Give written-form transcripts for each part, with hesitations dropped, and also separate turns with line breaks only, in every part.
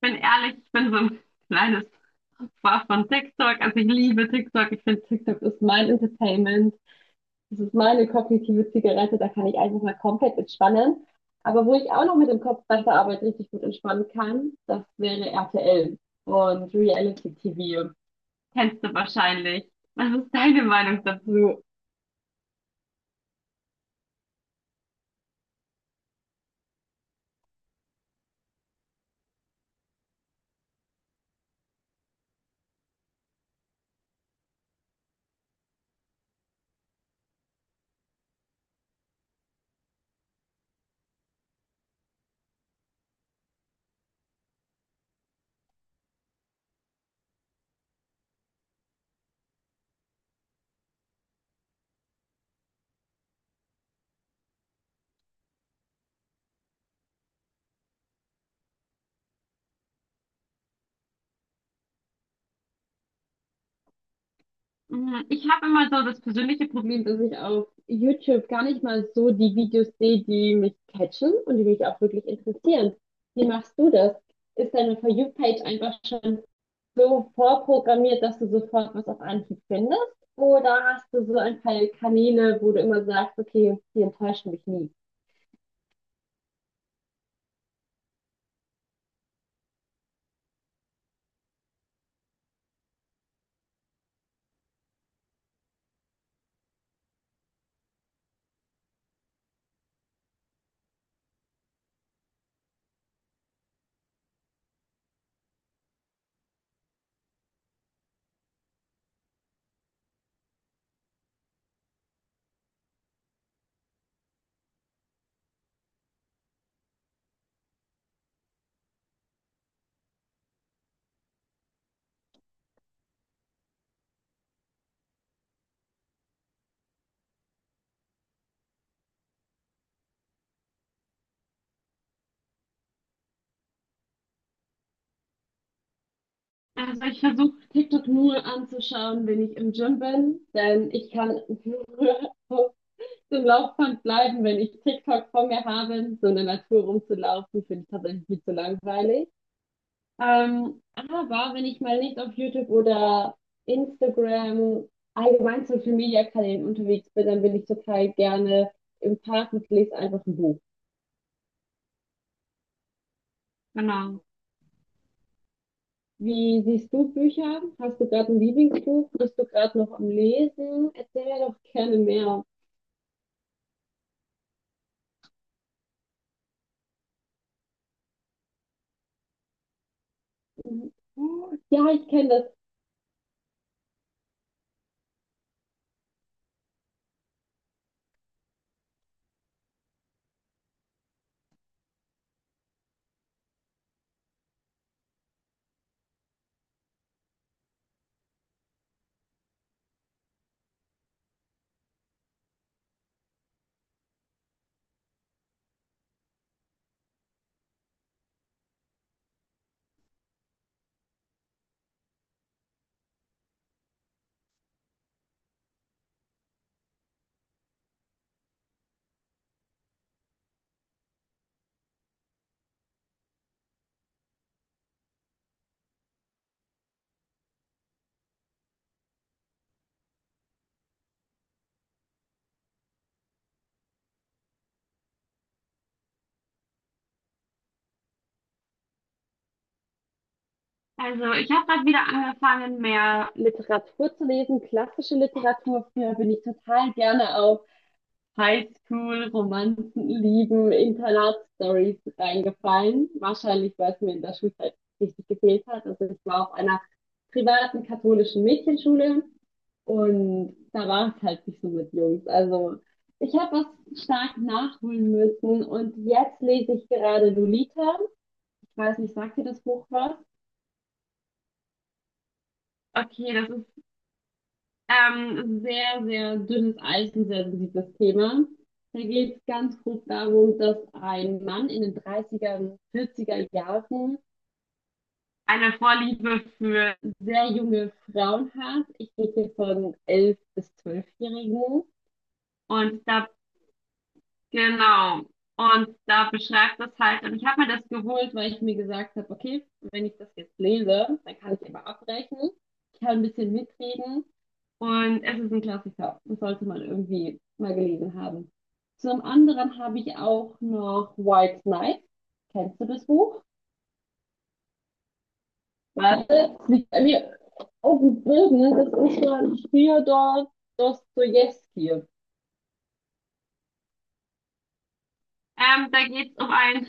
Bin ehrlich, ich bin so ein kleines Opfer von TikTok. Also ich liebe TikTok. Ich finde, TikTok ist mein Entertainment. Das ist meine kognitive Zigarette. Da kann ich einfach mal komplett entspannen. Aber wo ich auch noch mit dem Kopf nach der Arbeit richtig gut entspannen kann, das wäre RTL und Reality TV. Kennst du wahrscheinlich. Was ist deine Meinung dazu? Ich habe immer so das persönliche Problem, dass ich auf YouTube gar nicht mal so die Videos sehe, die mich catchen und die mich auch wirklich interessieren. Wie machst du das? Ist deine For You-Page einfach schon so vorprogrammiert, dass du sofort was auf Anhieb findest? Oder hast du so ein paar Kanäle, wo du immer sagst, okay, die enttäuschen mich nie? Also ich versuche TikTok nur anzuschauen, wenn ich im Gym bin, denn ich kann so ein Laufband bleiben, wenn ich TikTok vor mir habe. So in der Natur rumzulaufen, finde ich tatsächlich viel zu langweilig. Aber wenn ich mal nicht auf YouTube oder Instagram, allgemein Social Media Kanälen unterwegs bin, dann bin ich total gerne im Park und lese einfach ein Buch. Genau. Wie siehst du Bücher? Hast du gerade ein Lieblingsbuch? Bist du gerade noch am Lesen? Erzähl mir doch gerne mehr. Mhm. Ja, ich kenne das. Also, ich habe gerade wieder angefangen, mehr Literatur zu lesen, klassische Literatur. Früher bin ich total gerne auf Highschool-Romanzen, Lieben, Internatsstories reingefallen. Wahrscheinlich, weil es mir in der Schulzeit richtig gefehlt hat. Also, ich war auf einer privaten katholischen Mädchenschule, und da war es halt nicht so mit Jungs. Also, ich habe was stark nachholen müssen und jetzt lese ich gerade Lolita. Ich weiß nicht, sagt dir das Buch was? Okay, das sehr, sehr dünnes Eis und sehr sensibles Thema. Da geht es ganz grob darum, dass ein Mann in den 30er, 40er Jahren eine Vorliebe für sehr junge Frauen hat. Ich rede hier von 11- bis 12-Jährigen. Und da Genau. Und da beschreibt das halt, und ich habe mir das geholt, weil ich mir gesagt habe, okay, wenn ich das jetzt lese, dann kann ich immer abrechnen, ich kann ein bisschen mitreden. Und es ist ein Klassiker. Das sollte man irgendwie mal gelesen haben. Zum anderen habe ich auch noch White Knight. Kennst du das Buch? Warte, es liegt bei mir auf dem Boden. Das ist von Fjodor Dostojewski. Da geht es um einen,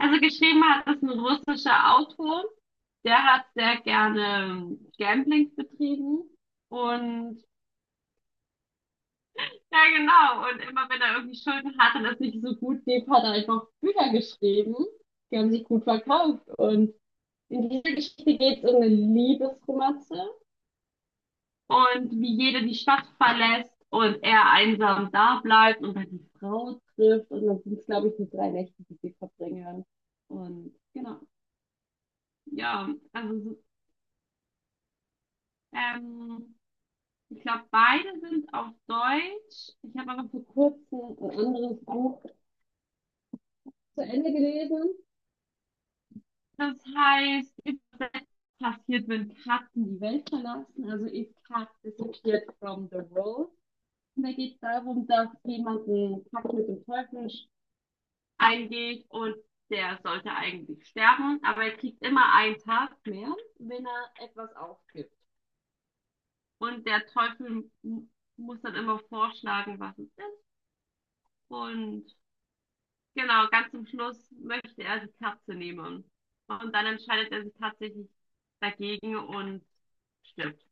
also geschrieben hat das ein russischer Autor. Der hat sehr gerne Gamblings betrieben, und ja, genau, und immer wenn er irgendwie Schulden hatte und es nicht so gut lief, hat er einfach Bücher geschrieben, die haben sich gut verkauft, und in dieser Geschichte geht es um eine Liebesromanze und wie jeder die Stadt verlässt und er einsam da bleibt und dann die Frau trifft, und dann sind es, glaube ich, nur drei Nächte, die sie verbringen. Und genau, ja, also so, ähm, ich glaube, beide sind auf Deutsch. Ich habe aber vor kurzem ein anderes Buch zu Ende gelesen. Das heißt, übersetzt, Passiert, wenn Katzen die Welt verlassen. Also If Cat Disappeared from the World. Und da geht es darum, dass jemand einen Pakt mit dem Teufel eingeht, und der sollte eigentlich sterben, aber er kriegt immer einen Tag mehr, wenn er etwas aufgibt. Und der Teufel muss dann immer vorschlagen, was es ist, und genau, ganz zum Schluss möchte er die Katze nehmen. Und dann entscheidet er sich tatsächlich dagegen und stirbt.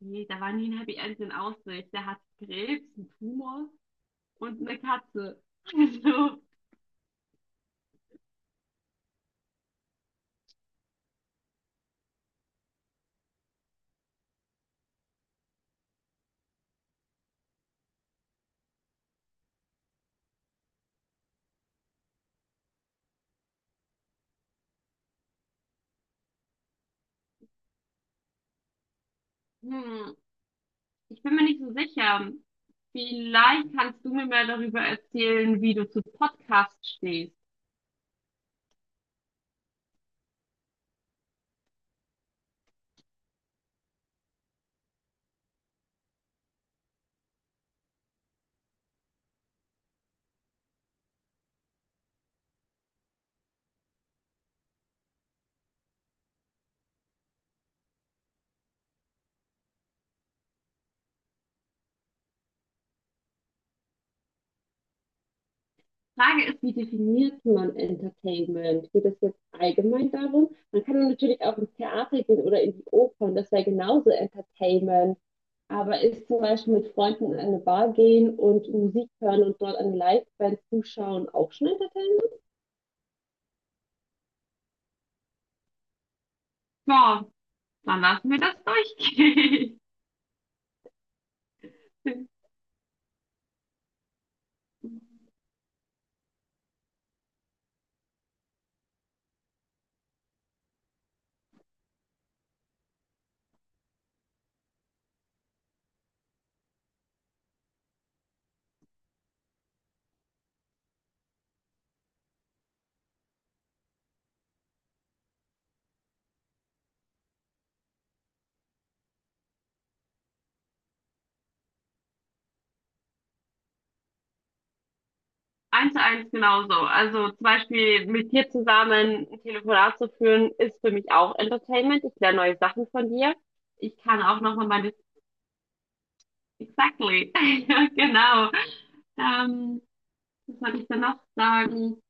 Nee, da war nie ein Happy End in Aussicht. Der hat Krebs, einen Tumor und eine Katze. Also, ich bin mir nicht so sicher. Vielleicht kannst du mir mehr darüber erzählen, wie du zu Podcasts stehst. Frage ist, wie definiert man Entertainment? Geht es jetzt allgemein darum? Man kann natürlich auch ins Theater gehen oder in die Oper, und das wäre genauso Entertainment. Aber ist zum Beispiel mit Freunden in eine Bar gehen und Musik hören und dort eine Liveband zuschauen auch schon Entertainment? Ja, dann lassen wir das durchgehen. Eins zu eins genauso. Also zum Beispiel mit dir zusammen ein Telefonat zu führen, ist für mich auch Entertainment. Ich lerne neue Sachen von dir. Ich kann auch nochmal meine Exactly. Ja, genau. Ähm, was wollte ich da noch sagen?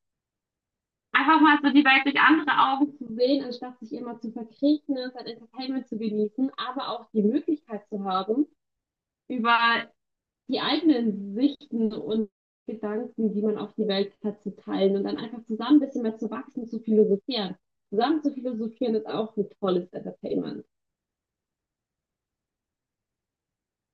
Einfach mal so die Welt durch andere Augen zu sehen, anstatt sich immer zu verkriechen, ne, sein Entertainment zu genießen, aber auch die Möglichkeit zu haben, über die eigenen Sichten und Gedanken, die man auf die Welt hat, zu teilen und dann einfach zusammen ein bisschen mehr zu wachsen, zu philosophieren. Zusammen zu philosophieren ist auch ein tolles Entertainment.